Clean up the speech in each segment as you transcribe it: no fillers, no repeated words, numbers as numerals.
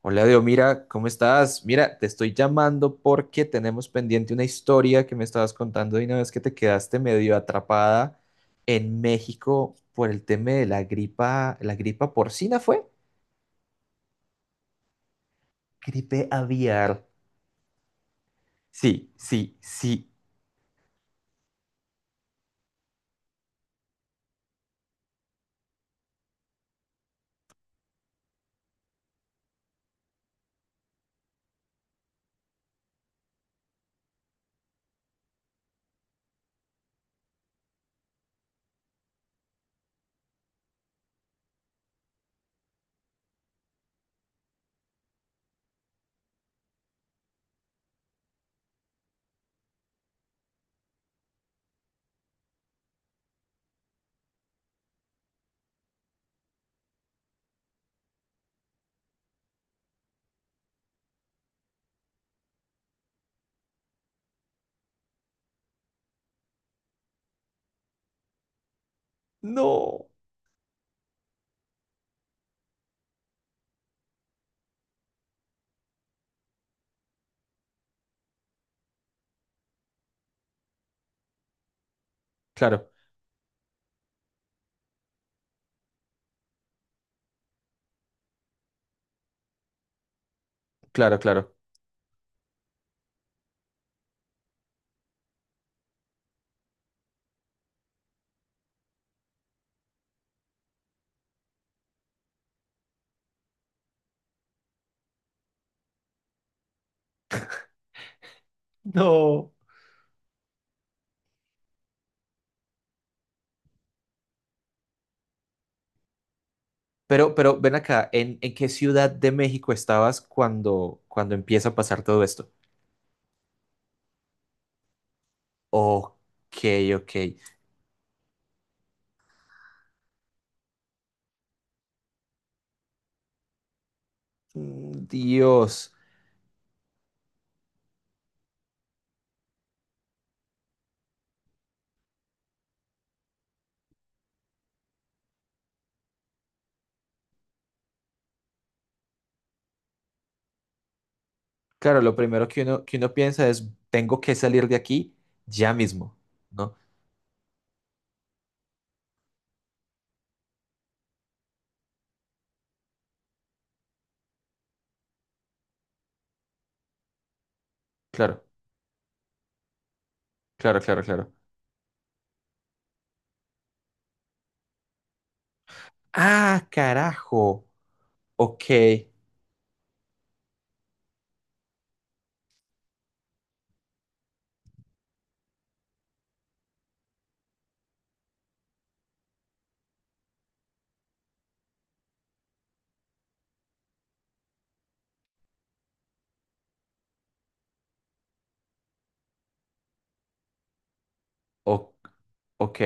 Hola, Dios, mira, ¿cómo estás? Mira, te estoy llamando porque tenemos pendiente una historia que me estabas contando de una vez que te quedaste medio atrapada en México por el tema de la gripa porcina, ¿fue? Gripe aviar. Sí, sí, sí. No. Claro, claro, claro. No. Pero ven acá, ¿en qué ciudad de México estabas cuando empieza a pasar todo esto? Ok, ok. Mm, Dios. Claro, lo primero que uno piensa es, tengo que salir de aquí ya mismo, ¿no? Claro, claro, claro, claro. Ah, carajo. Ok, o- ok.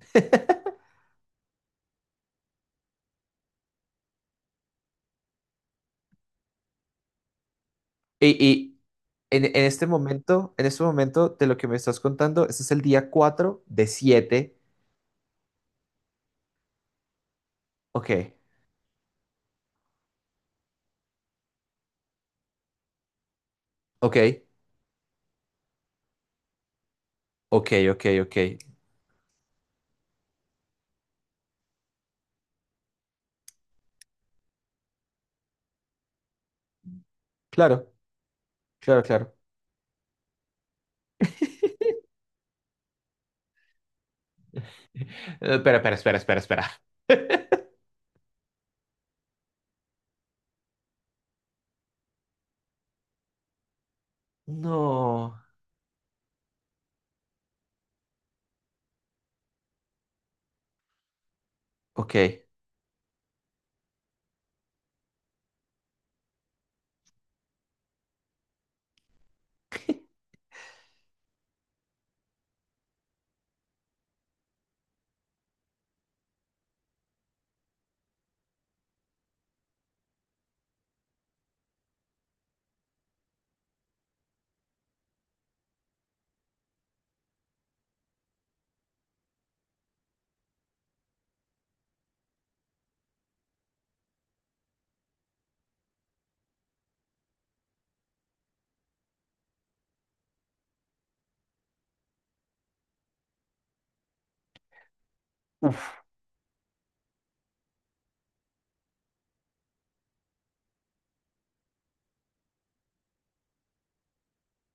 Y, y en este momento de lo que me estás contando, este es el día cuatro de siete. Ok, ok, ok, ok, ok. Claro, claro, claro. Espera, espera, espera, espera, espera. No. Ok.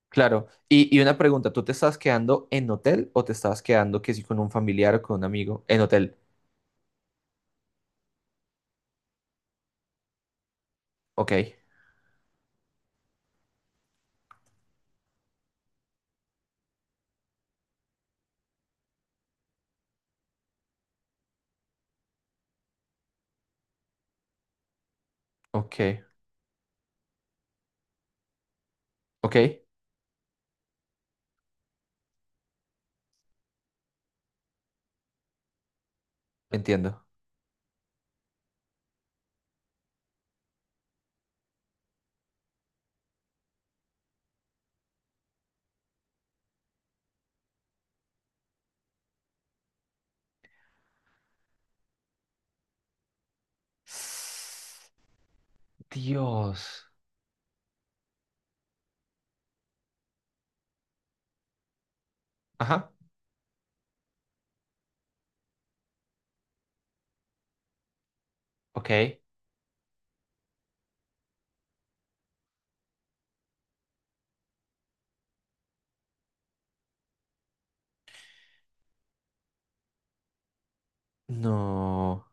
Claro. Y una pregunta, ¿tú te estabas quedando en hotel o te estabas quedando que sí con un familiar o con un amigo? En hotel. Ok, ok, ok, entiendo. Dios. Ajá, ok. No.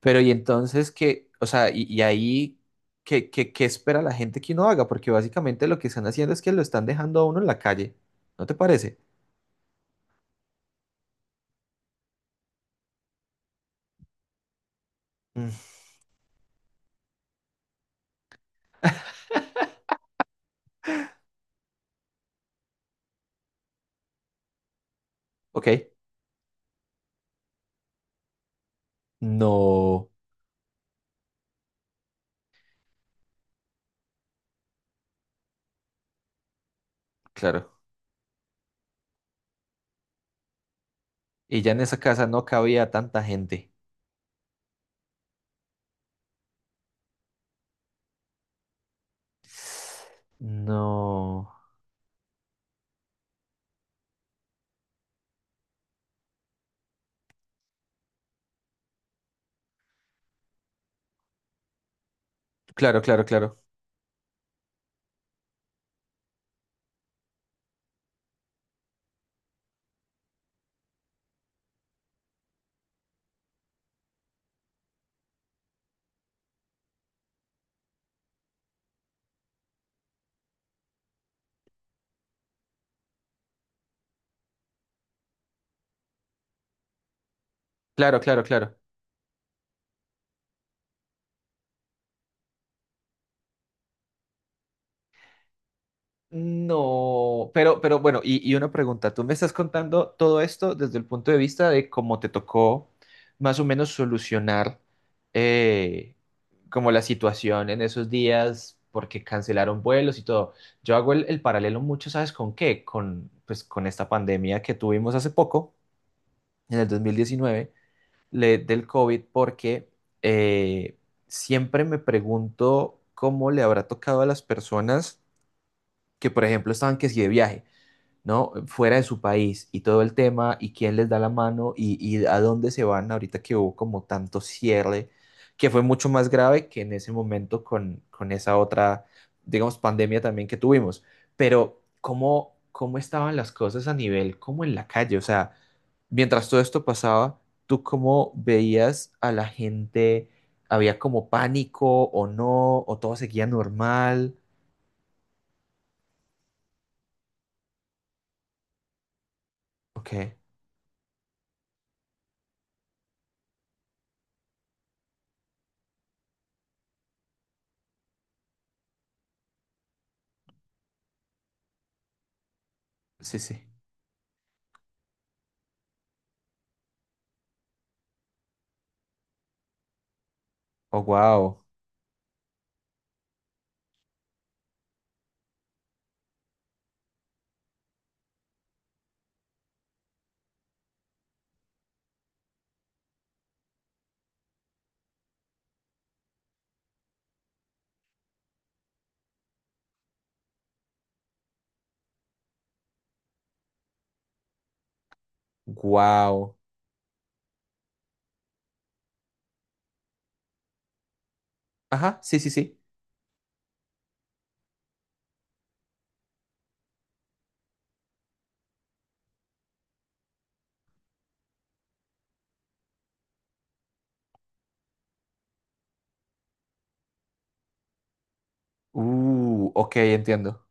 Pero y entonces qué, o sea, y ahí, ¿qué espera la gente que uno haga? Porque básicamente lo que están haciendo es que lo están dejando a uno en la calle. ¿No te parece? Mm, ok. No, claro. Y ya en esa casa no cabía tanta gente. No. Claro, claro, claro. Claro, claro, claro. No, pero bueno, y una pregunta, tú me estás contando todo esto desde el punto de vista de cómo te tocó más o menos solucionar eh, como la situación en esos días porque cancelaron vuelos y todo. Yo hago el paralelo mucho, ¿sabes con qué? Con, pues, con esta pandemia que tuvimos hace poco, en el 2019. Del COVID porque eh, siempre me pregunto cómo le habrá tocado a las personas que, por ejemplo, estaban que si de viaje. ¿No? Fuera de su país y todo el tema y quién les da la mano y a dónde se van ahorita que hubo como tanto cierre, que fue mucho más grave que en ese momento con esa otra, digamos, pandemia también que tuvimos. Pero, ¿cómo, cómo estaban las cosas a nivel, como en la calle? O sea, mientras todo esto pasaba, ¿tú cómo veías a la gente? ¿Había como pánico o no? ¿O todo seguía normal? Ok, sí, sí. Oh, wow, wow. Ajá, sí, sí, sí. Ok, entiendo.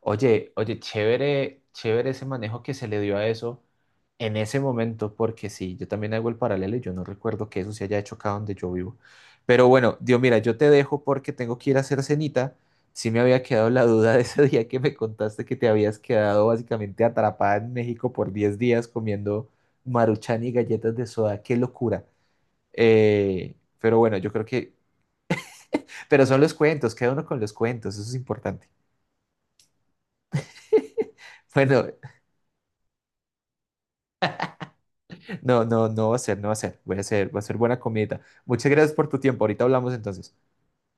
Oye, oye, chévere, chévere ese manejo que se le dio a eso en ese momento, porque sí, yo también hago el paralelo y yo no recuerdo que eso se haya hecho acá donde yo vivo. Pero bueno, Dios, mira, yo te dejo porque tengo que ir a hacer cenita. Sí me había quedado la duda de ese día que me contaste que te habías quedado básicamente atrapada en México por 10 días comiendo Maruchan y galletas de soda. ¡Qué locura! Eh, pero bueno, yo creo que pero son los cuentos, queda uno con los cuentos, eso es importante. Bueno, no, no, no va a ser, no va a ser. Voy a hacer, va a ser buena comida. Muchas gracias por tu tiempo. Ahorita hablamos entonces.